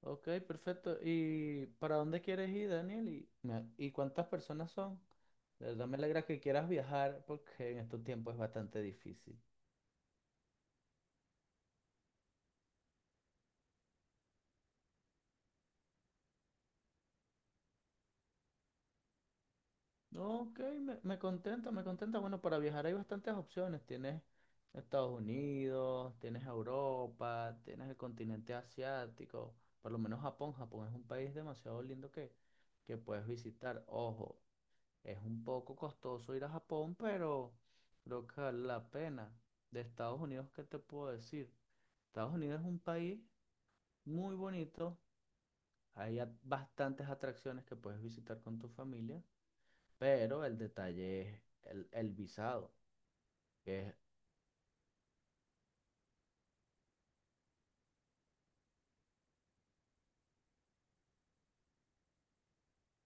Ok, perfecto. ¿Y para dónde quieres ir, Daniel? ¿Y cuántas personas son? De verdad me alegra que quieras viajar porque en estos tiempos es bastante difícil. Ok, me contenta, me contenta. Bueno, para viajar hay bastantes opciones. Tienes Estados Unidos, tienes Europa, tienes el continente asiático, por lo menos Japón. Japón es un país demasiado lindo que puedes visitar. Ojo, es un poco costoso ir a Japón, pero creo que vale la pena. De Estados Unidos, ¿qué te puedo decir? Estados Unidos es un país muy bonito. Hay bastantes atracciones que puedes visitar con tu familia, pero el detalle es el visado, que es.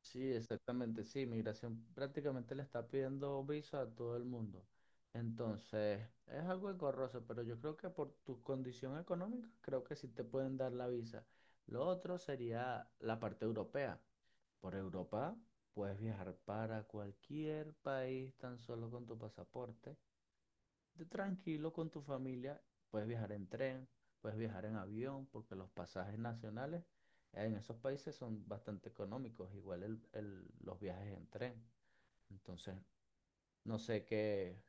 Sí, exactamente, sí, migración prácticamente le está pidiendo visa a todo el mundo. Entonces, es algo engorroso, pero yo creo que por tu condición económica, creo que sí te pueden dar la visa. Lo otro sería la parte europea. Por Europa puedes viajar para cualquier país tan solo con tu pasaporte de tranquilo con tu familia. Puedes viajar en tren, puedes viajar en avión, porque los pasajes nacionales en esos países son bastante económicos, igual los viajes en tren. Entonces, no sé qué,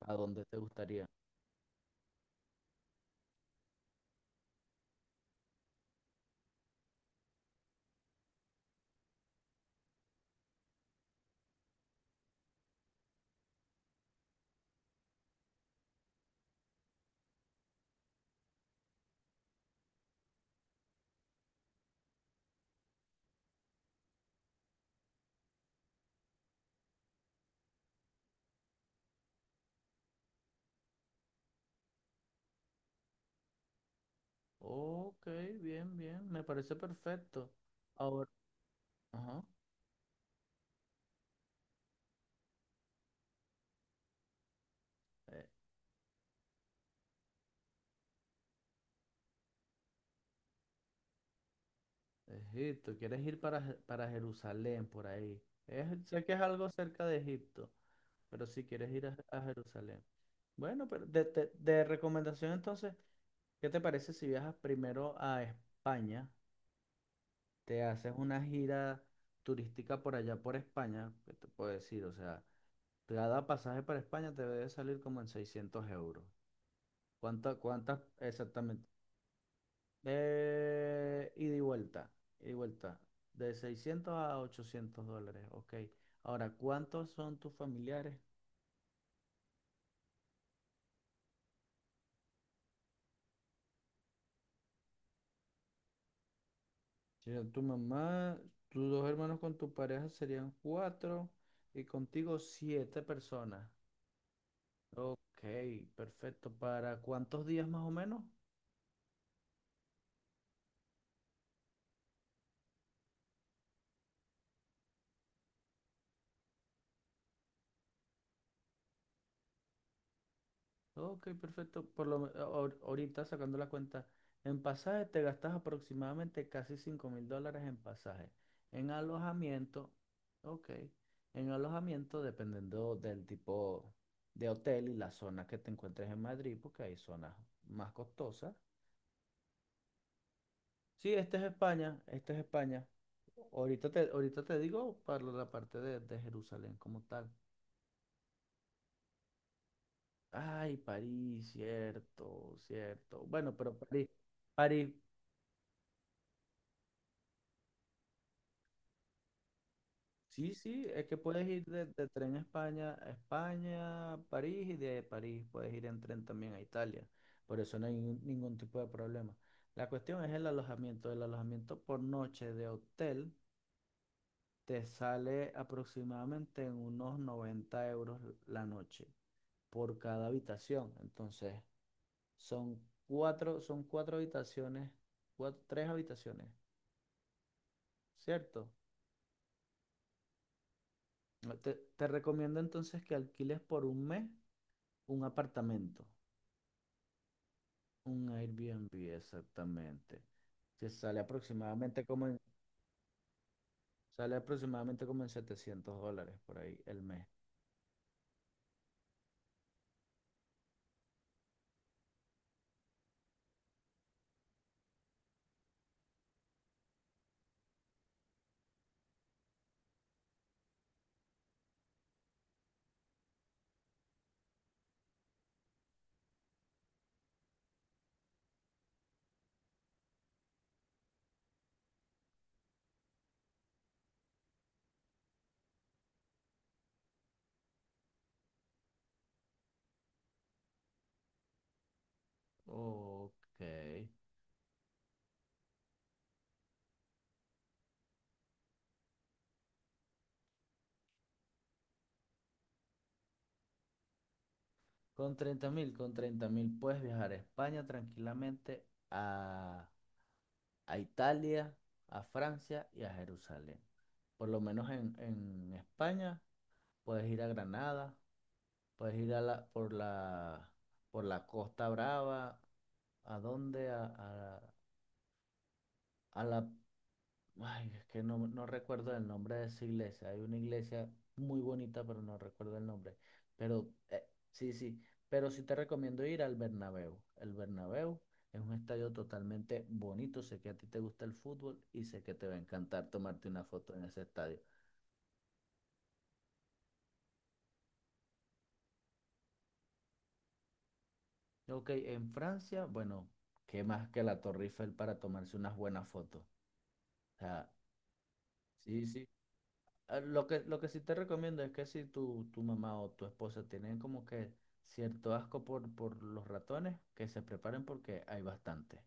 a dónde te gustaría. Ok, bien, bien, me parece perfecto. Ahora, ajá, eh, Egipto, ¿quieres ir para Jerusalén, por ahí? Sé que es algo cerca de Egipto, pero si quieres ir a Jerusalén. Bueno, pero de recomendación entonces. ¿Qué te parece si viajas primero a España? Te haces una gira turística por allá por España. ¿Qué te puedo decir? O sea, cada pasaje para España te debe salir como en 600 euros. ¿Cuántas exactamente? Ida y vuelta. Ida y vuelta. De seiscientos a 800 dólares. Ok. Ahora, ¿cuántos son tus familiares? Sería tu mamá, tus dos hermanos con tu pareja serían cuatro y contigo siete personas. Ok, perfecto. ¿Para cuántos días más o menos? Ok, perfecto. Por lo, me- ahor- Ahorita sacando la cuenta, en pasaje te gastas aproximadamente casi 5.000 dólares en pasaje. En alojamiento, ok. En alojamiento, dependiendo del tipo de hotel y la zona que te encuentres en Madrid, porque hay zonas más costosas. Sí, este es España, este es España. Ahorita te digo para la parte de Jerusalén como tal. Ay, París, cierto, cierto. Bueno, pero París, París, sí, sí, es que puedes ir de tren a España, París, y de París puedes ir en tren también a Italia. Por eso no hay ningún tipo de problema. La cuestión es el alojamiento. El alojamiento por noche de hotel te sale aproximadamente en unos 90 euros la noche por cada habitación. Entonces, son cuatro, son cuatro habitaciones, tres habitaciones. ¿Cierto? Te recomiendo entonces que alquiles por un mes un apartamento, un Airbnb exactamente, que sale aproximadamente como en 700 dólares por ahí el mes. Ok. Con treinta mil puedes viajar a España tranquilamente, a, a Italia, a Francia y a Jerusalén. Por lo menos en España puedes ir a Granada. Puedes ir a la, por la, por la Costa Brava. ¿A dónde? A la... Ay, es que no recuerdo el nombre de esa iglesia. Hay una iglesia muy bonita, pero no recuerdo el nombre. Pero eh, sí, sí. Pero sí te recomiendo ir al Bernabéu. El Bernabéu es un estadio totalmente bonito. Sé que a ti te gusta el fútbol y sé que te va a encantar tomarte una foto en ese estadio. Ok, en Francia, bueno, ¿qué más que la Torre Eiffel para tomarse unas buenas fotos? O sea, sí, sí. Lo que sí te recomiendo es que si tu mamá o tu esposa tienen como que cierto asco por los ratones, que se preparen porque hay bastante.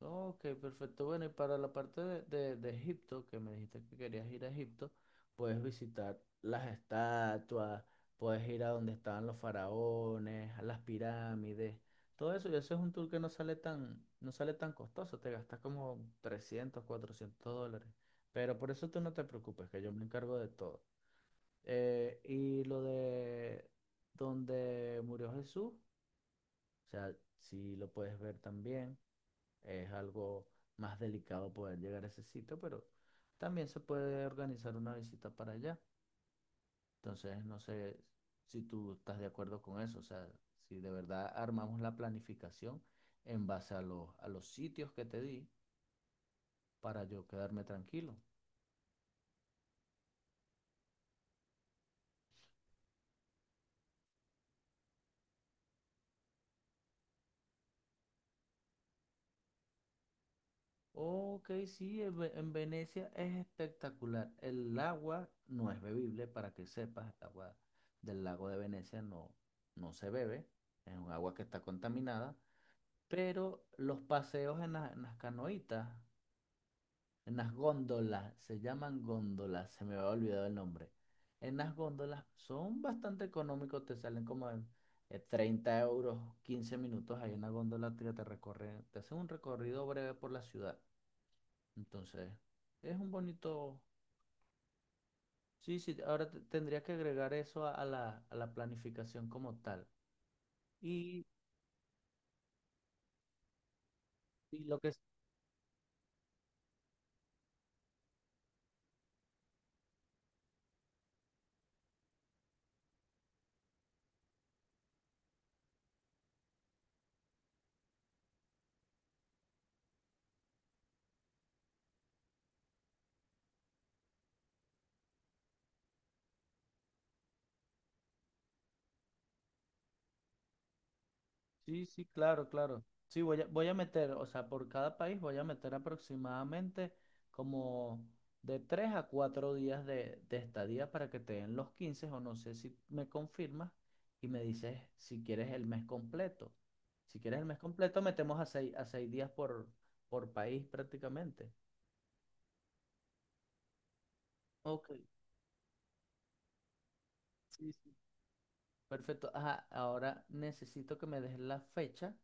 Ok, perfecto. Bueno, y para la parte de Egipto, que me dijiste que querías ir a Egipto, puedes visitar las estatuas, puedes ir a donde estaban los faraones, a las pirámides, todo eso. Y eso es un tour que no sale tan costoso, te gastas como 300, 400 dólares. Pero por eso tú no te preocupes, que yo me encargo de todo. Y lo de donde murió Jesús, o sea, si lo puedes ver también. Es algo más delicado poder llegar a ese sitio, pero también se puede organizar una visita para allá. Entonces, no sé si tú estás de acuerdo con eso, o sea, si de verdad armamos la planificación en base a los sitios que te di para yo quedarme tranquilo. Ok, sí, en Venecia es espectacular. El agua no es bebible, para que sepas, el agua del lago de Venecia no se bebe, es un agua que está contaminada. Pero los paseos en las canoitas, en las góndolas, se llaman góndolas, se me había olvidado el nombre. En las góndolas son bastante económicos, te salen como en 30 euros, 15 minutos ahí en la góndola que te recorre, te hacen un recorrido breve por la ciudad. Entonces, es un bonito. Sí, sí, ahora tendría que agregar eso a la planificación como tal. Y, y lo que. Sí, sí, claro, claro. Sí, voy a meter, o sea, por cada país voy a meter aproximadamente como de 3 a 4 días de estadía para que te den los 15 o no sé si me confirmas y me dices si quieres el mes completo. Si quieres el mes completo, metemos a seis días por país prácticamente. Ok, sí, sí. Perfecto. Ajá, ahora necesito que me des la fecha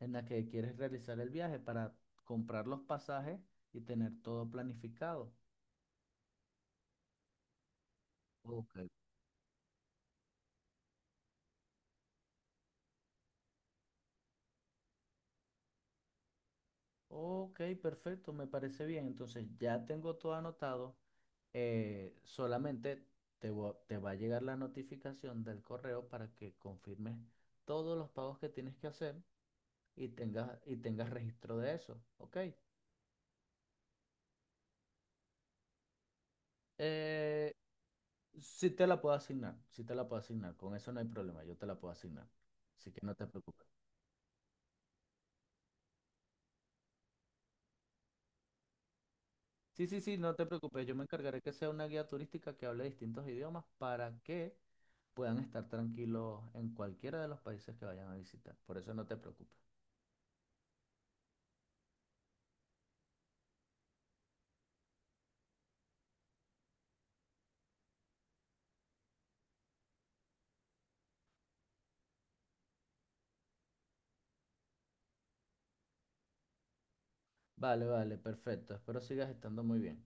en la que quieres realizar el viaje para comprar los pasajes y tener todo planificado. Ok. Ok, perfecto, me parece bien. Entonces ya tengo todo anotado. Solamente te va a llegar la notificación del correo para que confirmes todos los pagos que tienes que hacer y tengas registro de eso. Ok. Eh, sí te la puedo asignar, sí te la puedo asignar. Con eso no hay problema, yo te la puedo asignar. Así que no te preocupes. Sí, sí, sí, no te preocupes, yo me encargaré que sea una guía turística que hable distintos idiomas para que puedan estar tranquilos en cualquiera de los países que vayan a visitar. Por eso no te preocupes. Vale, vale, perfecto. Espero sigas estando muy bien.